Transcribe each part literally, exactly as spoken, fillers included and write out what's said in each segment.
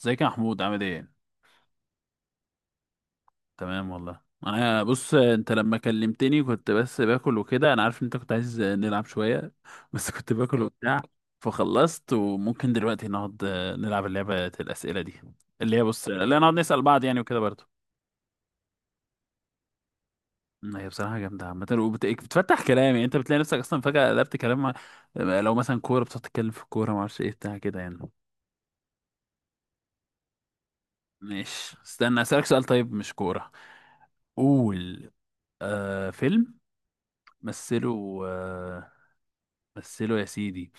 ازيك يا محمود، عامل ايه؟ تمام والله. انا بص، انت لما كلمتني كنت بس باكل وكده، انا عارف ان انت كنت عايز نلعب شويه بس كنت باكل وبتاع، فخلصت وممكن دلوقتي نقعد نلعب اللعبه الاسئله دي، اللي هي بص، لا نقعد نسال بعض يعني وكده برضه. أمم، هي بصراحه جامده عامه وبتفتح كلام، يعني انت بتلاقي نفسك اصلا فجاه قلبت كلام مع- لو مثلا كوره، بتقعد تتكلم في الكوره، ما اعرفش ايه بتاع كده يعني. ماشي، استنى اسالك سؤال، طيب مش كوره. قول. آه فيلم. مثله آه، مثله يا سيدي.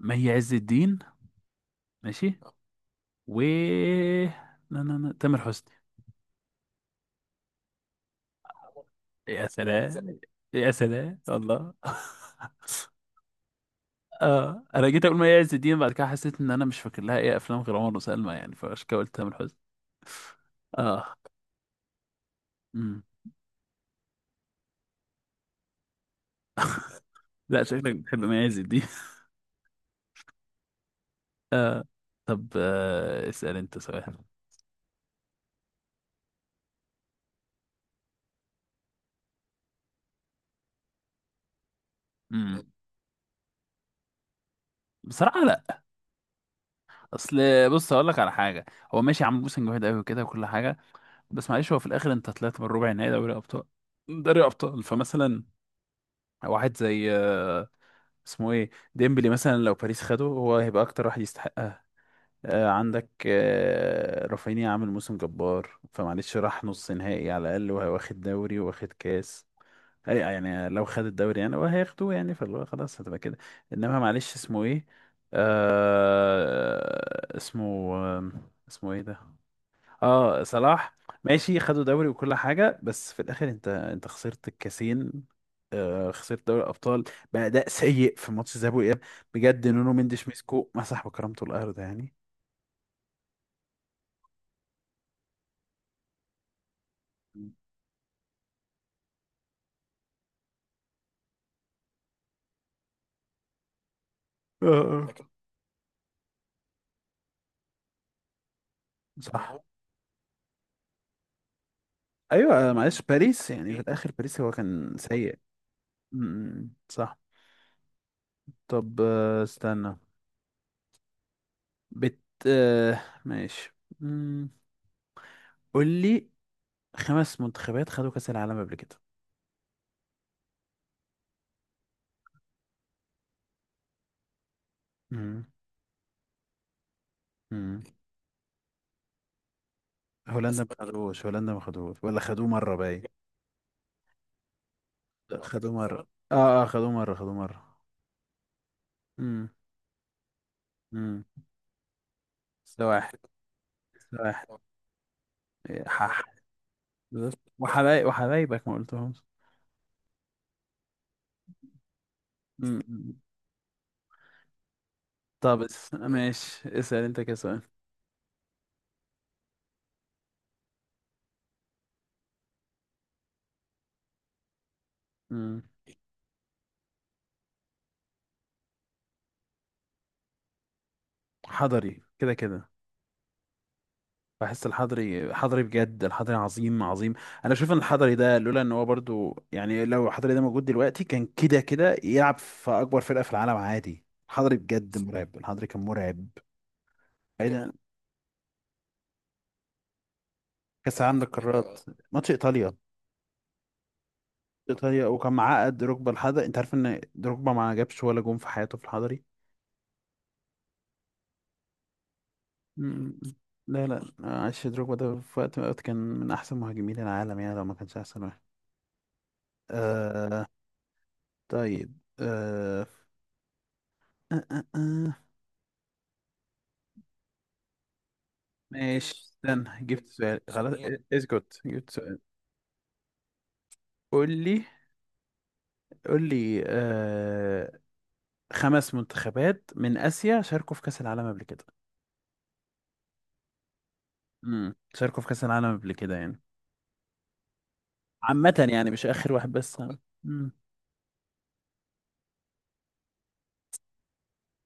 مي عز الدين. ماشي. و لا، لا، لا، تامر حسني. يا سلام. يا سلام الله. اه انا جيت اقول مي عز الدين، بعد كده حسيت ان انا مش فاكر لها ايه افلام غير عمر وسلمى يعني، فعشان كده قلت تامر حسني. اه. امم لا، شكلك بتحب مي عز الدين. آه. طب، آه. اسال انت سؤال. امم بصراحه، لا. اصل بص، اقول لك على حاجه. هو ماشي، عمرو بوسن جامد قوي وكده وكل حاجه. بس معلش، هو في الاخر انت طلعت من ربع نهائي دوري ابطال. دوري ابطال، فمثلا واحد زي آه، اسمه ايه، ديمبلي مثلا، لو باريس خده هو هيبقى اكتر واحد يستحقها. آه، عندك آه، رافينيا عامل موسم جبار، فمعلش راح نص نهائي على الاقل، وهو واخد دوري واخد كاس. أي يعني، لو خد الدوري يعني هو هياخدوه، يعني فاللي هو خلاص هتبقى كده. انما معلش، اسمه ايه؟ آه اسمه آه، اسمه ايه ده؟ اه، صلاح. ماشي، خدوا دوري وكل حاجة، بس في الآخر انت انت خسرت الكاسين. آه خسرت دوري الأبطال بأداء سيء في ماتش الذهاب والإياب. بجد نونو مندش مسكه مسح بكرامته الأرض يعني. اه. آه. لكن. صح. أيوة، آه، معلش باريس يعني، في الآخر باريس هو كان سيء. امم صح. طب، آه، استنى. بت آه ماشي. امم قول لي. خمس منتخبات خدوا كأس العالم قبل كده؟ امم هولندا، بس ما خدوش، هولندا ما خدوش، ولا خدوه مرة باين؟ لا، خدوه مرة. اه، اه، خدوه مرة، خدوه مرة. امم امم ده واحد. واحد. إيه، حح. بالظبط. وحبايب وحبايبك ما قلتهمش. امم أمم. طب، اس- ماشي، اسأل انت كده سؤال. امم حضري، كده كده. بحس الحضري، حضري بجد، الحضري عظيم، عظيم. انا شايف ان الحضري ده، لولا ان هو برضو يعني، لو الحضري ده موجود دلوقتي كان كده كده يلعب في اكبر فرقة في العالم عادي. الحضري بجد مرعب، الحضري كان مرعب. ايه ده؟ كاس العالم للقارات، ماتش ايطاليا. ايطاليا، وكان معقد دروجبا الحضري، انت عارف ان دروجبا ما جابش ولا جون في حياته في الحضري. مم. لا، لا، عاش دروجبا ده، في وقت من الأوقات كان من احسن مهاجمين العالم، يعني لو ما كانش احسن واحد. آه. طيب، آه آه آه آه. ماشي، استنى، جبت سؤال خلاص. اسكت، جبت سؤال. قول لي. قول لي آه خمس منتخبات من آسيا شاركوا في كأس العالم قبل كده؟ امم شاركوا في كأس العالم قبل كده يعني. عامة يعني، مش آخر واحد بس، ها. مم.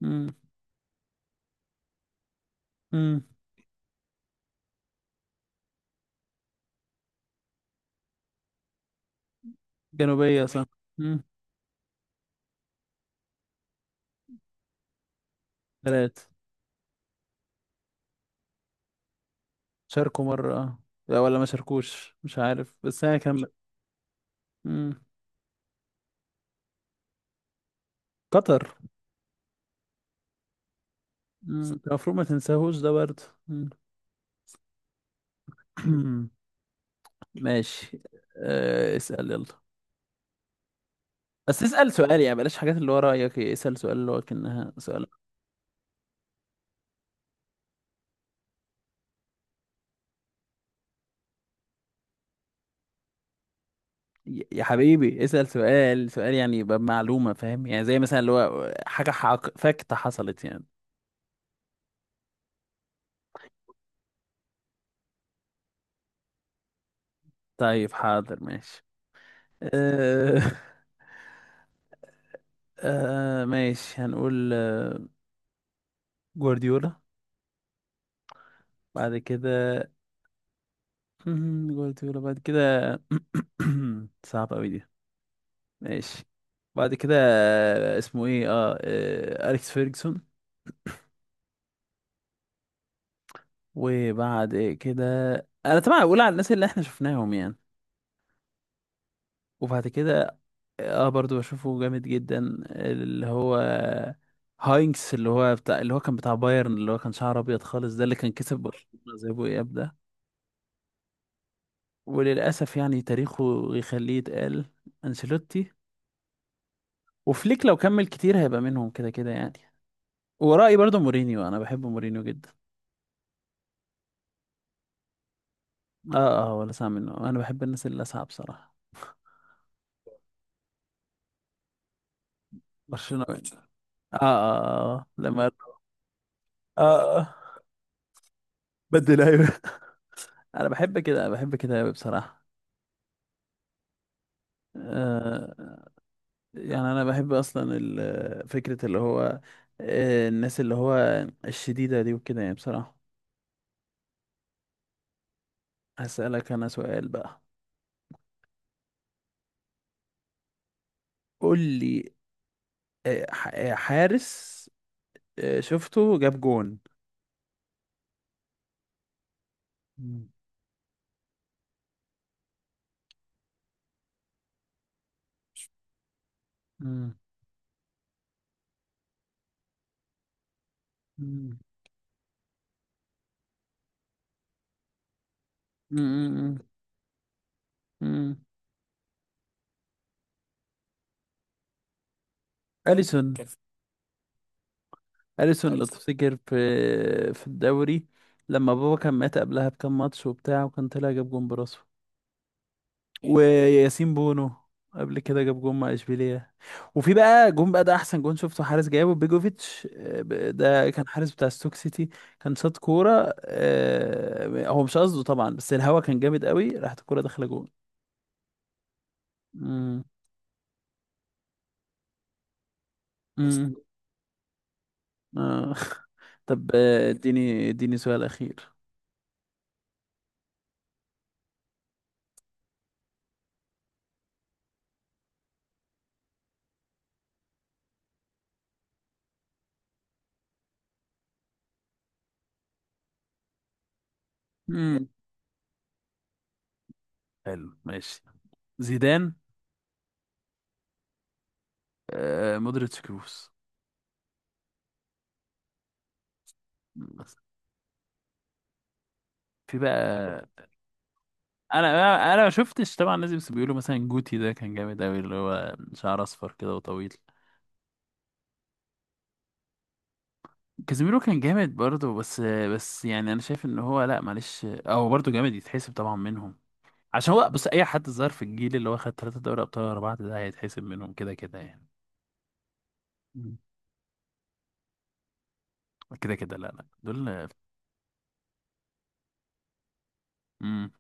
مم. مم. جنوبية، صح. مم. تلاتة. شاركوا مرة آه. لا، ولا ما شاركوش، مش عارف، بس هي كان. مم. قطر. مم. انت المفروض ما تنساهوش ده برضه. مم. ماشي. آه اسأل يلا. بس اسأل سؤال يعني، بلاش حاجات اللي هو رأيك، اسأل سؤال اللي هو كأنها سؤال. ي- يا حبيبي، اسأل سؤال، سؤال يعني يبقى بمعلومة، فاهم؟ يعني زي مثلا اللي هو حاجة حق فاكتة حصلت يعني. طيب، حاضر، ماشي. آه آه ماشي، هنقول آه، جوارديولا. بعد كده. مم، جوارديولا، بعد كده. صعب أوي دي. ماشي. بعد كده آه، اسمه ايه اه, آه أليكس فيرجسون. وبعد كده. انا طبعا اقول على الناس اللي احنا شفناهم يعني. وبعد كده، اه برضو بشوفه جامد جدا. اللي هو هاينكس، اللي هو بتاع، اللي هو كان بتاع بايرن، اللي هو كان شعره ابيض خالص ده، اللي كان كسب برشلونة، زي ابو اياب ده. وللأسف يعني تاريخه يخليه يتقال. أنسيلوتي. وفليك، لو كمل كتير هيبقى منهم كده كده يعني. ورأيي برضه مورينيو، أنا بحب مورينيو جدا. اه، اه، ولا سامع منه، أنا بحب الناس اللي لاسعة بصراحة. برشلونة، اه. اه، اه، لما اه، اه، بدل، ايوه. انا بحب كده، انا بحب كده قوي بصراحه. آه يعني انا بحب اصلا ال- فكره اللي هو، آه الناس اللي هو الشديده دي وكده يعني بصراحه. هسألك انا سؤال بقى. قول لي. آه، ح- آه، حارس، آه، شفته جاب جون. مم. مم. مم. مم. مم. أليسون كان في. أليسون، لو أليسون تفتكر في في الدوري، لما بابا كان مات قبلها بكام ماتش وبتاع وكان طلع جاب جون براسه. وياسين بونو قبل كده جاب جون مع اشبيليه. وفي بقى جون بقى، ده احسن جون شفته حارس جابه بيجوفيتش، آه، ب- ده كان حارس بتاع ستوك سيتي. كان شاط كوره، آه، هو مش قصده طبعا، بس الهوا كان جامد قوي، راحت الكوره داخله جون. مم. مم. آه. طب، آه، اديني اديني سؤال اخير. مم. حلو، ماشي. زيدان. آه مودريتش، كروس. مم. في بقى انا انا ما شفتش طبعا الناس، بس بيقولوا مثلا جوتي ده كان جامد قوي، اللي هو شعر اصفر كده وطويل. كازيميرو كان جامد برضه، بس بس يعني انا شايف ان هو، لا معلش، آه، هو برضه جامد يتحسب طبعا منهم. عشان هو بص، اي حد ظهر في الجيل اللي هو خد ثلاثة دوري ابطال ورا بعض، ده هيتحسب منهم كده كده يعني. مم. كده كده، لا، لا، دول. امم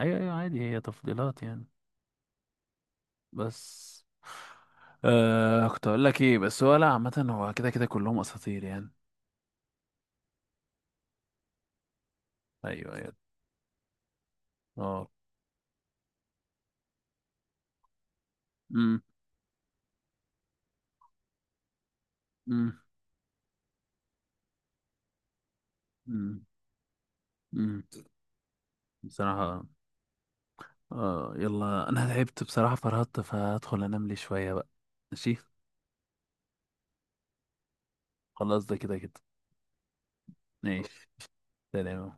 ايوه، ايوه، عادي، هي تفضيلات يعني. بس آه كنت اقول لك ايه، بس هو لا، عامة هو كده كده كلهم اساطير يعني. ايوه، ايوه. اه. امم امم امم امم بصراحة. اه يلا، انا تعبت بصراحة، فرهدت، فهدخل انام لي شوية بقى. ماشي. خلاص، ده كده كده. ماشي. سلام.